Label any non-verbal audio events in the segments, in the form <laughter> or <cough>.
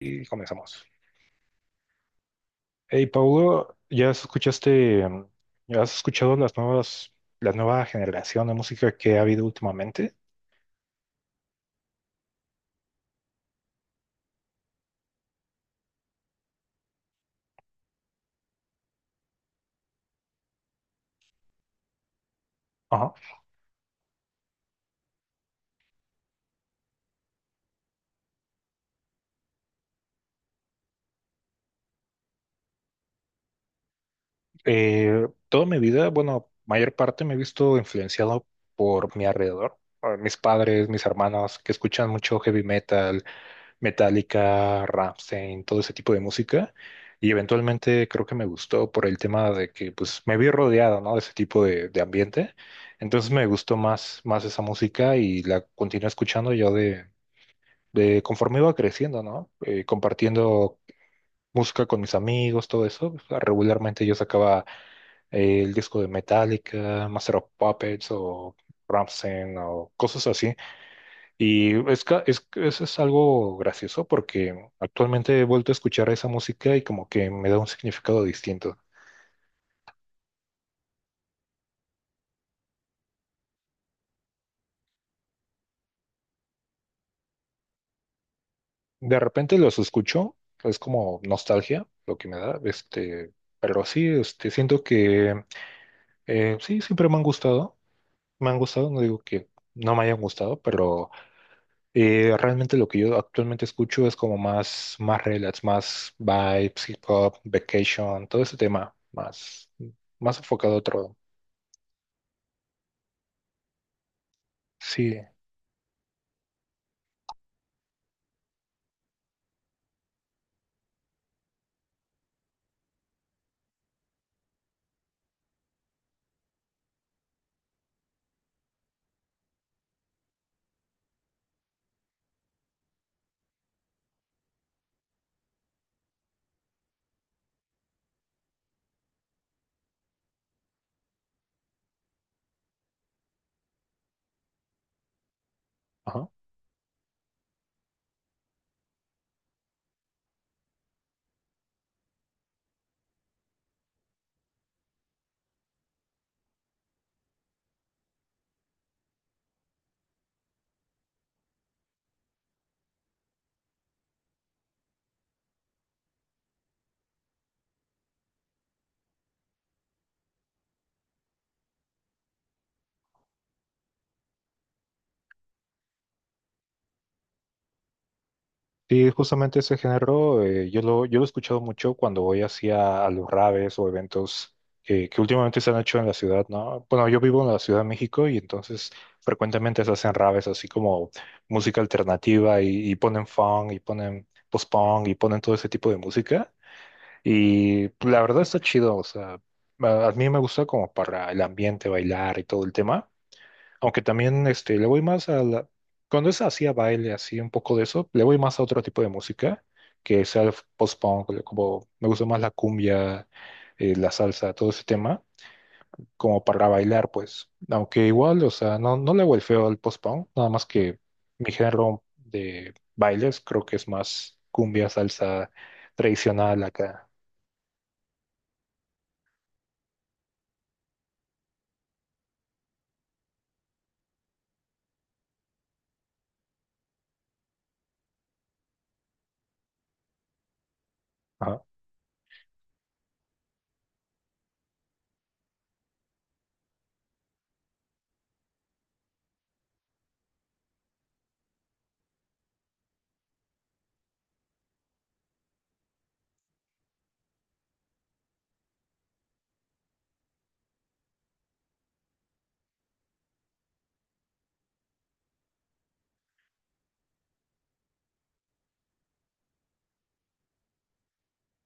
Y comenzamos. Hey, Paulo, ¿ya escuchaste, ya has escuchado las nuevas, la nueva generación de música que ha habido últimamente? Ajá. Toda mi vida, bueno, mayor parte me he visto influenciado por mi alrededor, por mis padres, mis hermanos, que escuchan mucho heavy metal, Metallica, Rammstein, todo ese tipo de música. Y eventualmente creo que me gustó por el tema de que pues me vi rodeado, ¿no? De ese tipo de ambiente. Entonces me gustó más, más esa música y la continué escuchando yo de conforme iba creciendo, ¿no? Compartiendo música con mis amigos, todo eso. Pues, regularmente yo sacaba el disco de Metallica, Master of Puppets o Rammstein o cosas así. Y eso es algo gracioso porque actualmente he vuelto a escuchar esa música y como que me da un significado distinto. De repente los escucho, es como nostalgia lo que me da, este, pero sí, este, siento que sí, siempre me han gustado, no digo que no me hayan gustado, pero... Realmente lo que yo actualmente escucho es como más, más relax, más vibes, hip hop, vacation, todo ese tema, más, más enfocado a otro. Sí, ajá. Sí, justamente ese género, yo yo lo he escuchado mucho cuando voy hacia a los raves o eventos que últimamente se han hecho en la ciudad, ¿no? Bueno, yo vivo en la Ciudad de México y entonces frecuentemente se hacen raves así como música alternativa y ponen funk y ponen post-punk y ponen todo ese tipo de música. Y pues, la verdad está chido, o sea, a mí me gusta como para el ambiente, bailar y todo el tema, aunque también este, le voy más a la... Cuando es así a baile, así un poco de eso, le voy más a otro tipo de música, que sea el post-punk, como me gusta más la cumbia, la salsa, todo ese tema, como para bailar, pues, aunque igual, o sea, no, no le hago el feo al post-punk, nada más que mi género de bailes creo que es más cumbia, salsa tradicional acá. Ajá,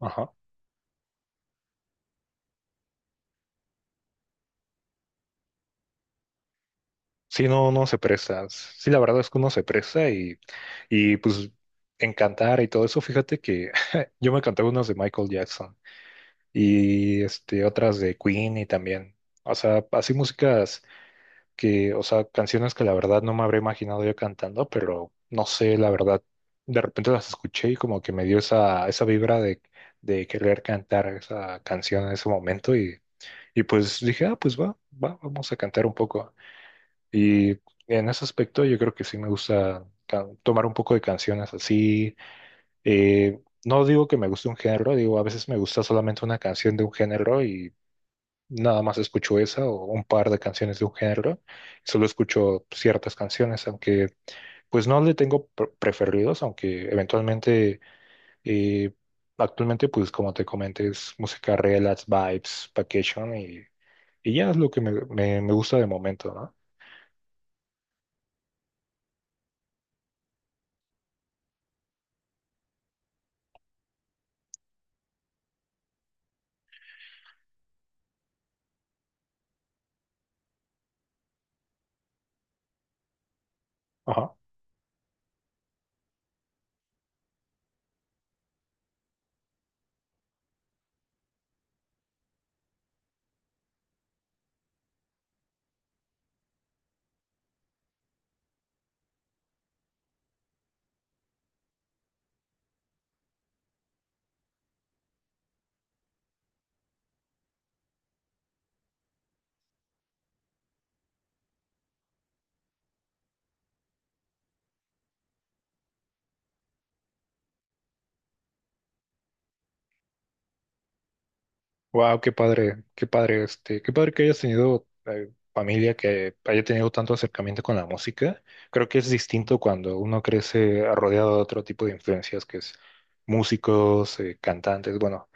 ajá. Sí, no, no se presta. Sí, la verdad es que uno se presta y pues en cantar y todo eso, fíjate que <laughs> yo me canté unas de Michael Jackson y este, otras de Queen y también. O sea, así músicas que, o sea, canciones que la verdad no me habría imaginado yo cantando, pero no sé, la verdad, de repente las escuché y como que me dio esa, esa vibra de querer cantar esa canción en ese momento y pues dije, ah, pues va, va, vamos a cantar un poco. Y en ese aspecto yo creo que sí me gusta tomar un poco de canciones así. No digo que me guste un género, digo, a veces me gusta solamente una canción de un género y nada más escucho esa o un par de canciones de un género. Solo escucho ciertas canciones, aunque pues no le tengo preferidos, aunque eventualmente, eh, actualmente pues como te comenté es música relax, vibes, vacation y ya es lo que me gusta de momento, ¿no? Ajá. Wow, qué padre, este, qué padre que hayas tenido familia que haya tenido tanto acercamiento con la música. Creo que es distinto cuando uno crece rodeado de otro tipo de influencias, que es músicos, cantantes. Bueno,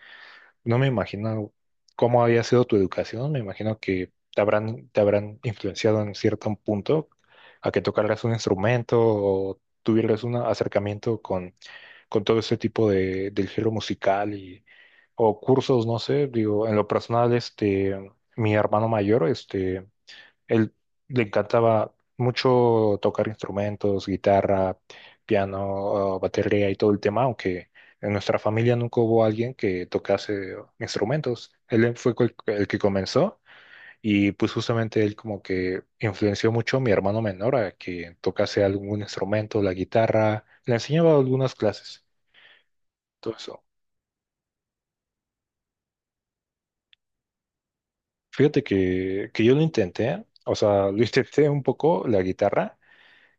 no me imagino cómo había sido tu educación. Me imagino que te habrán influenciado en cierto punto a que tocaras un instrumento o tuvieras un acercamiento con todo ese tipo de, del género musical y, o cursos, no sé, digo, en lo personal, este, mi hermano mayor, este, él le encantaba mucho tocar instrumentos, guitarra, piano, batería y todo el tema, aunque en nuestra familia nunca hubo alguien que tocase instrumentos. Él fue el que comenzó y pues justamente él como que influenció mucho a mi hermano menor a que tocase algún instrumento, la guitarra, le enseñaba algunas clases todo eso. Fíjate que yo lo intenté, o sea, lo intenté un poco la guitarra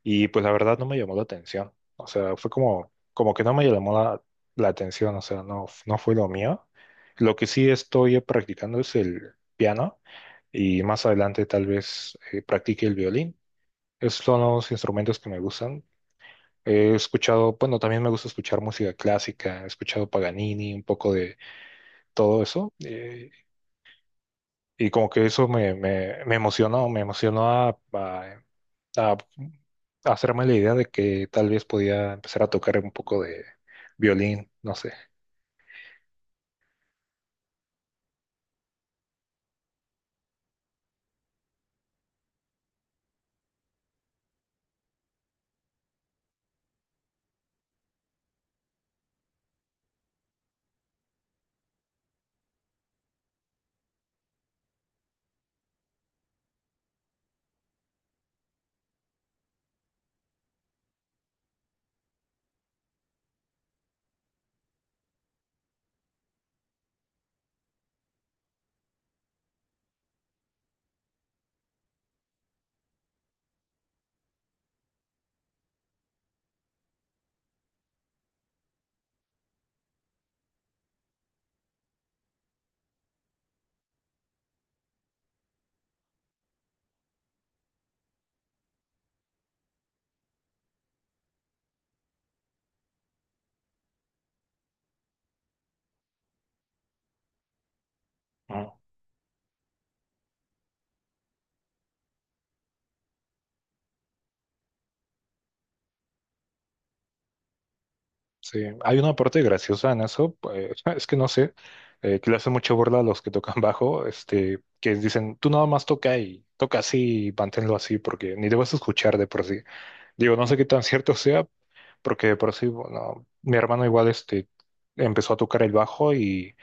y pues la verdad no me llamó la atención. O sea, fue como, como que no me llamó la atención, o sea, no, no fue lo mío. Lo que sí estoy practicando es el piano y más adelante tal vez practique el violín. Esos son los instrumentos que me gustan. He escuchado, bueno, también me gusta escuchar música clásica, he escuchado Paganini, un poco de todo eso. Y como que eso me, me, me emocionó a hacerme la idea de que tal vez podía empezar a tocar un poco de violín, no sé. Mm, sí, hay una parte graciosa en eso, pues, <laughs> es que no sé, que le hace mucha burla a los que tocan bajo, este, que dicen, tú nada más toca y toca así y manténlo así porque ni te vas a escuchar de por sí. Digo, no sé qué tan cierto sea, porque por sí, bueno, mi hermano igual este, empezó a tocar el bajo y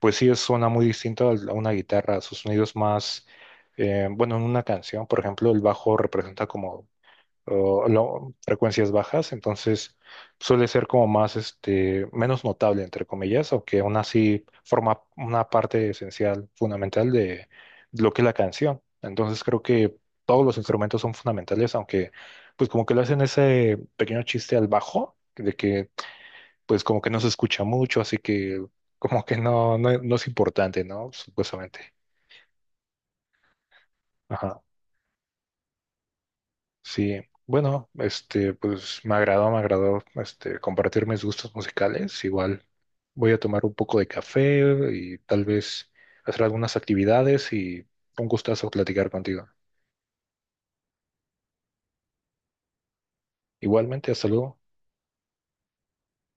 pues sí suena muy distinto a una guitarra, sus sonidos más, bueno, en una canción, por ejemplo, el bajo representa como o no, frecuencias bajas, entonces suele ser como más, este, menos notable, entre comillas, aunque aún así forma una parte esencial, fundamental de lo que es la canción. Entonces creo que todos los instrumentos son fundamentales, aunque pues como que le hacen ese pequeño chiste al bajo, de que pues como que no se escucha mucho, así que como que no, no, no es importante, ¿no? Supuestamente. Sí, bueno, este, pues me agradó, este, compartir mis gustos musicales. Igual voy a tomar un poco de café y tal vez hacer algunas actividades y un gustazo platicar contigo. Igualmente, hasta luego.